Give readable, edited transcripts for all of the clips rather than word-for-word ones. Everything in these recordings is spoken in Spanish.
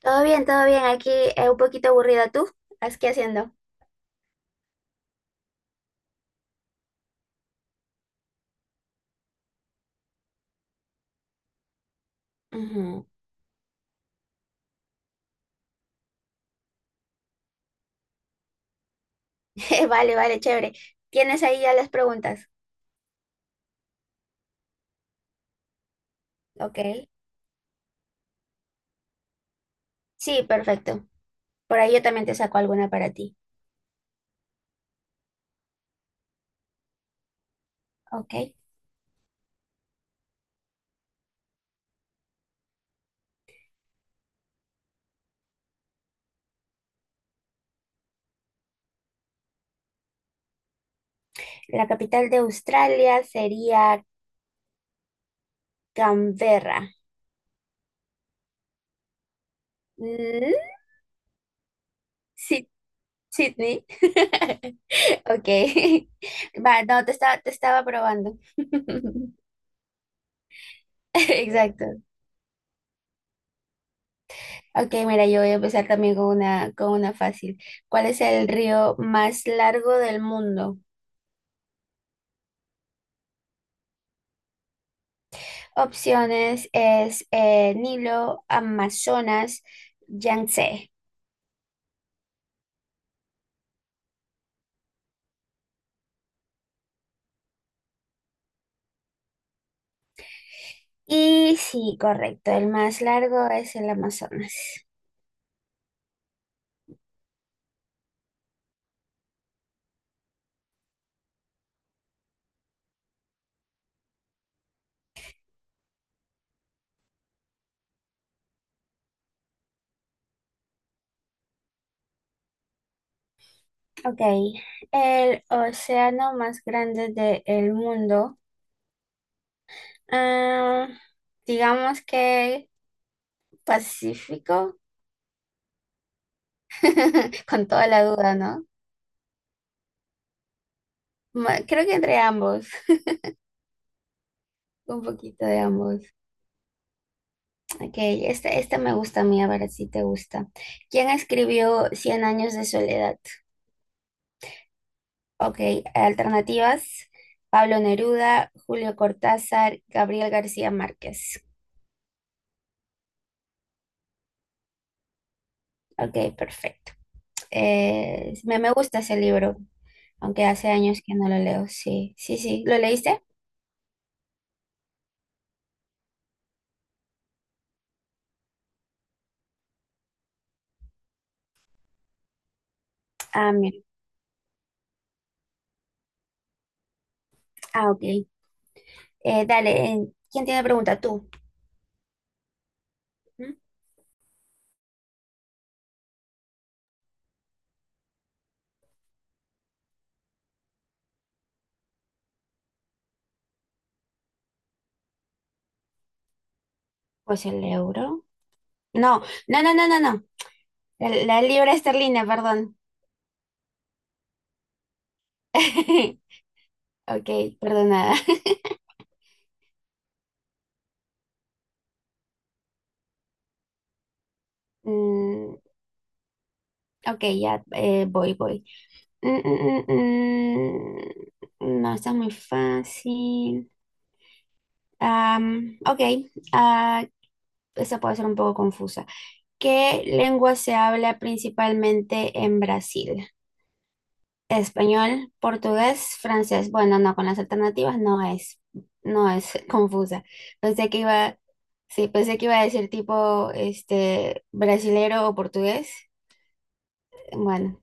Todo bien, todo bien. Aquí un poquito aburrida. ¿Tú? ¿Qué haciendo? Ujú. Vale, vale, chévere. ¿Tienes ahí ya las preguntas? Ok. Sí, perfecto. Por ahí yo también te saco alguna para ti. Ok. La capital de Australia sería Canberra. Mm, sí, Sydney. Ok. Va, no, te estaba probando. Exacto. Ok, mira, yo voy a empezar también con una fácil. ¿Cuál es el río más largo del mundo? Opciones es Nilo, Amazonas, Yangtze. Y sí, correcto, el más largo es el Amazonas. Ok, el océano más grande del mundo. Ah, digamos que Pacífico, con toda la duda, ¿no? Ma- Creo que entre ambos, un poquito de ambos. Ok, este me gusta a mí, a ver si te gusta. ¿Quién escribió Cien años de soledad? Ok, alternativas, Pablo Neruda, Julio Cortázar, Gabriel García Márquez. Ok, perfecto. Me gusta ese libro, aunque hace años que no lo leo. Sí, sí, sí. ¿Lo leíste? Ah, mira. Ah, ok. Dale, ¿quién tiene pregunta? ¿Tú? ¿Mm? Pues el euro. No, no, no, no, no, no. La libra esterlina, perdón. Ok, perdonada. Mm, ok, ya voy, voy. Mm, mm, mm, No, está muy fácil. Ok, ah, esa puede ser un poco confusa. ¿Qué lengua se habla principalmente en Brasil? Español, portugués, francés. Bueno, no, con las alternativas no es confusa. Pensé que iba, sí, pensé que iba a decir tipo, este, brasilero o portugués. Bueno.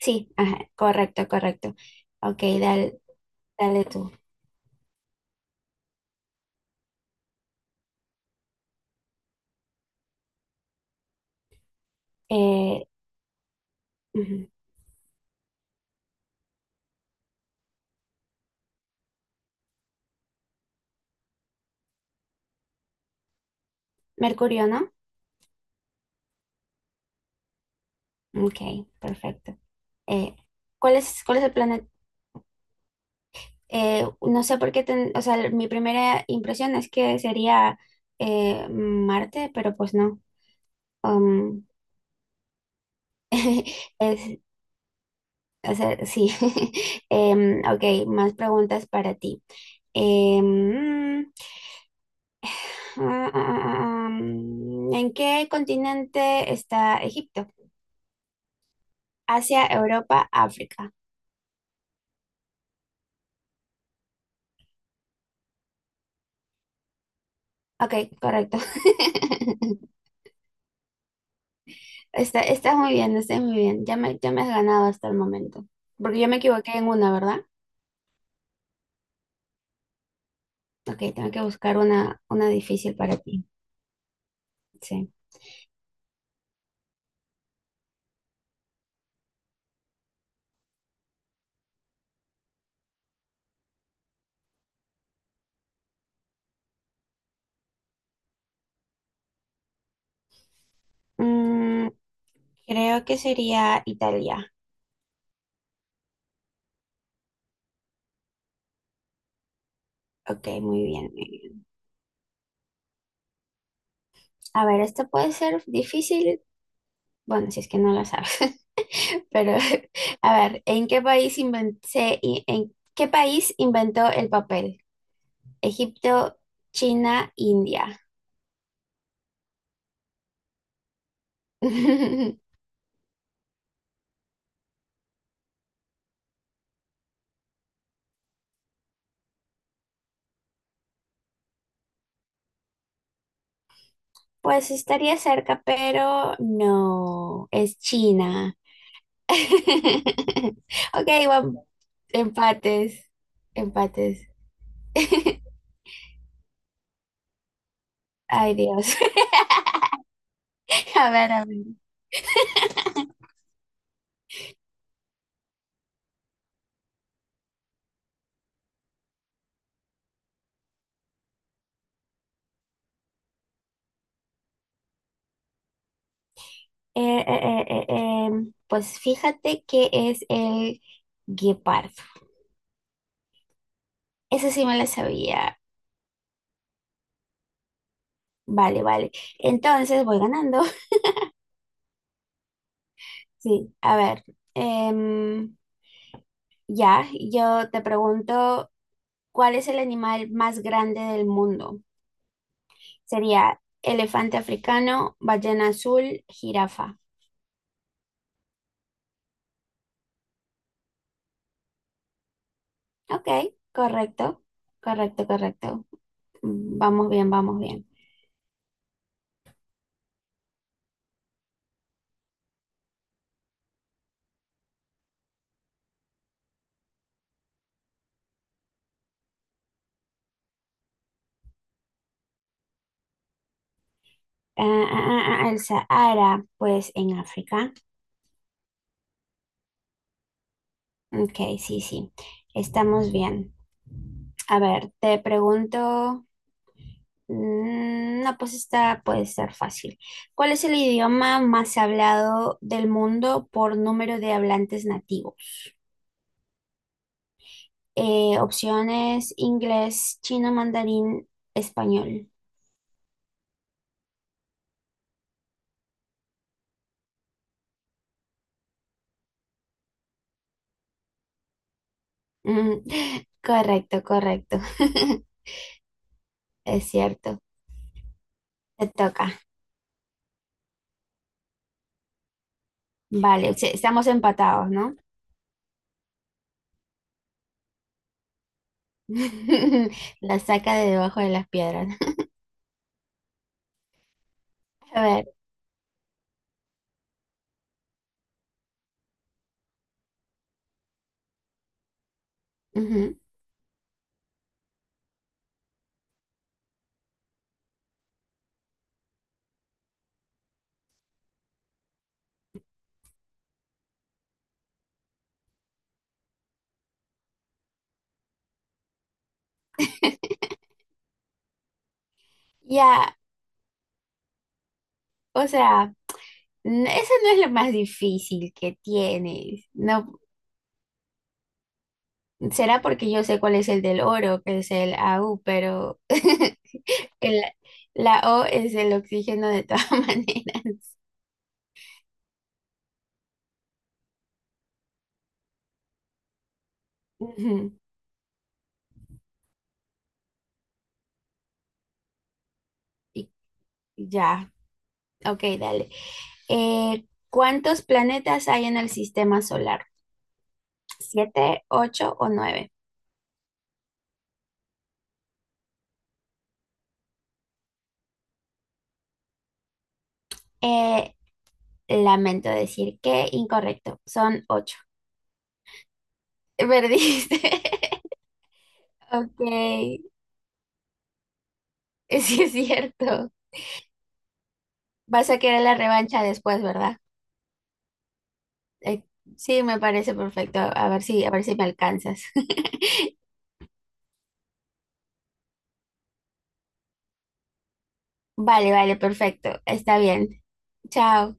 Sí, ajá, correcto, correcto. Ok, dale, dale tú. Eh, Ujú. Mercurio, ¿no? Ok, perfecto. Eh, ¿cuál es el planeta? No sé por qué, o sea, mi primera impresión es que sería Marte, pero pues no. Um, es, o sea, sí. Ok, más preguntas para ti. Em, mm, ah, ah, ah, ¿En qué continente está Egipto? Asia, Europa, África. Ok, correcto. Estás muy bien, estás muy bien. Ya me has ganado hasta el momento. Porque yo me equivoqué en una, ¿verdad? Ok, tengo que buscar una difícil para ti. Sí. Mm, creo que sería Italia. Ok, muy bien, muy bien. A ver, esto puede ser difícil. Bueno, si es que no lo sabes. Pero, a ver, ¿en qué país en qué país inventó el papel? Egipto, China, India. Pues estaría cerca, pero no, es China. Ok, vamos. Empates, empates. Ay, Dios. A ver, a ver. Pues fíjate que es el guepardo. Eso sí me lo sabía. Vale, vale. Entonces voy ganando. Sí, a ver. em, ya, yo te pregunto, ¿cuál es el animal más grande del mundo? Sería elefante africano, ballena azul, jirafa. Ok, correcto, correcto, correcto. Vamos bien, vamos bien. El Sahara, pues en África. Ok, sí, sí, estamos bien. A ver, te pregunto, no, pues esta puede ser fácil. ¿Cuál es el idioma más hablado del mundo por número de hablantes nativos? Opciones inglés, chino, mandarín, español. Mm, correcto, correcto. Es cierto. Te toca. Vale, sí, estamos empatados, ¿no? La saca de debajo de las piedras. A ver. Ujú. Ya, o sea, eso no es lo más difícil que tienes. No, será porque yo sé cuál es el del oro, que es el a u pero el- la O es el oxígeno de todas maneras. Ujú. Y- Ya, ok, dale. ¿Cuántos planetas hay en el sistema solar? ¿Siete, ocho o nueve? Eh, lamento decir que incorrecto, son ocho. Perdiste. Ok, sí es cierto. Vas a querer la revancha después, ¿verdad? Eh, sí, me parece perfecto. A ver si me alcanzas. Vale, vale, perfecto. Está bien. Chao.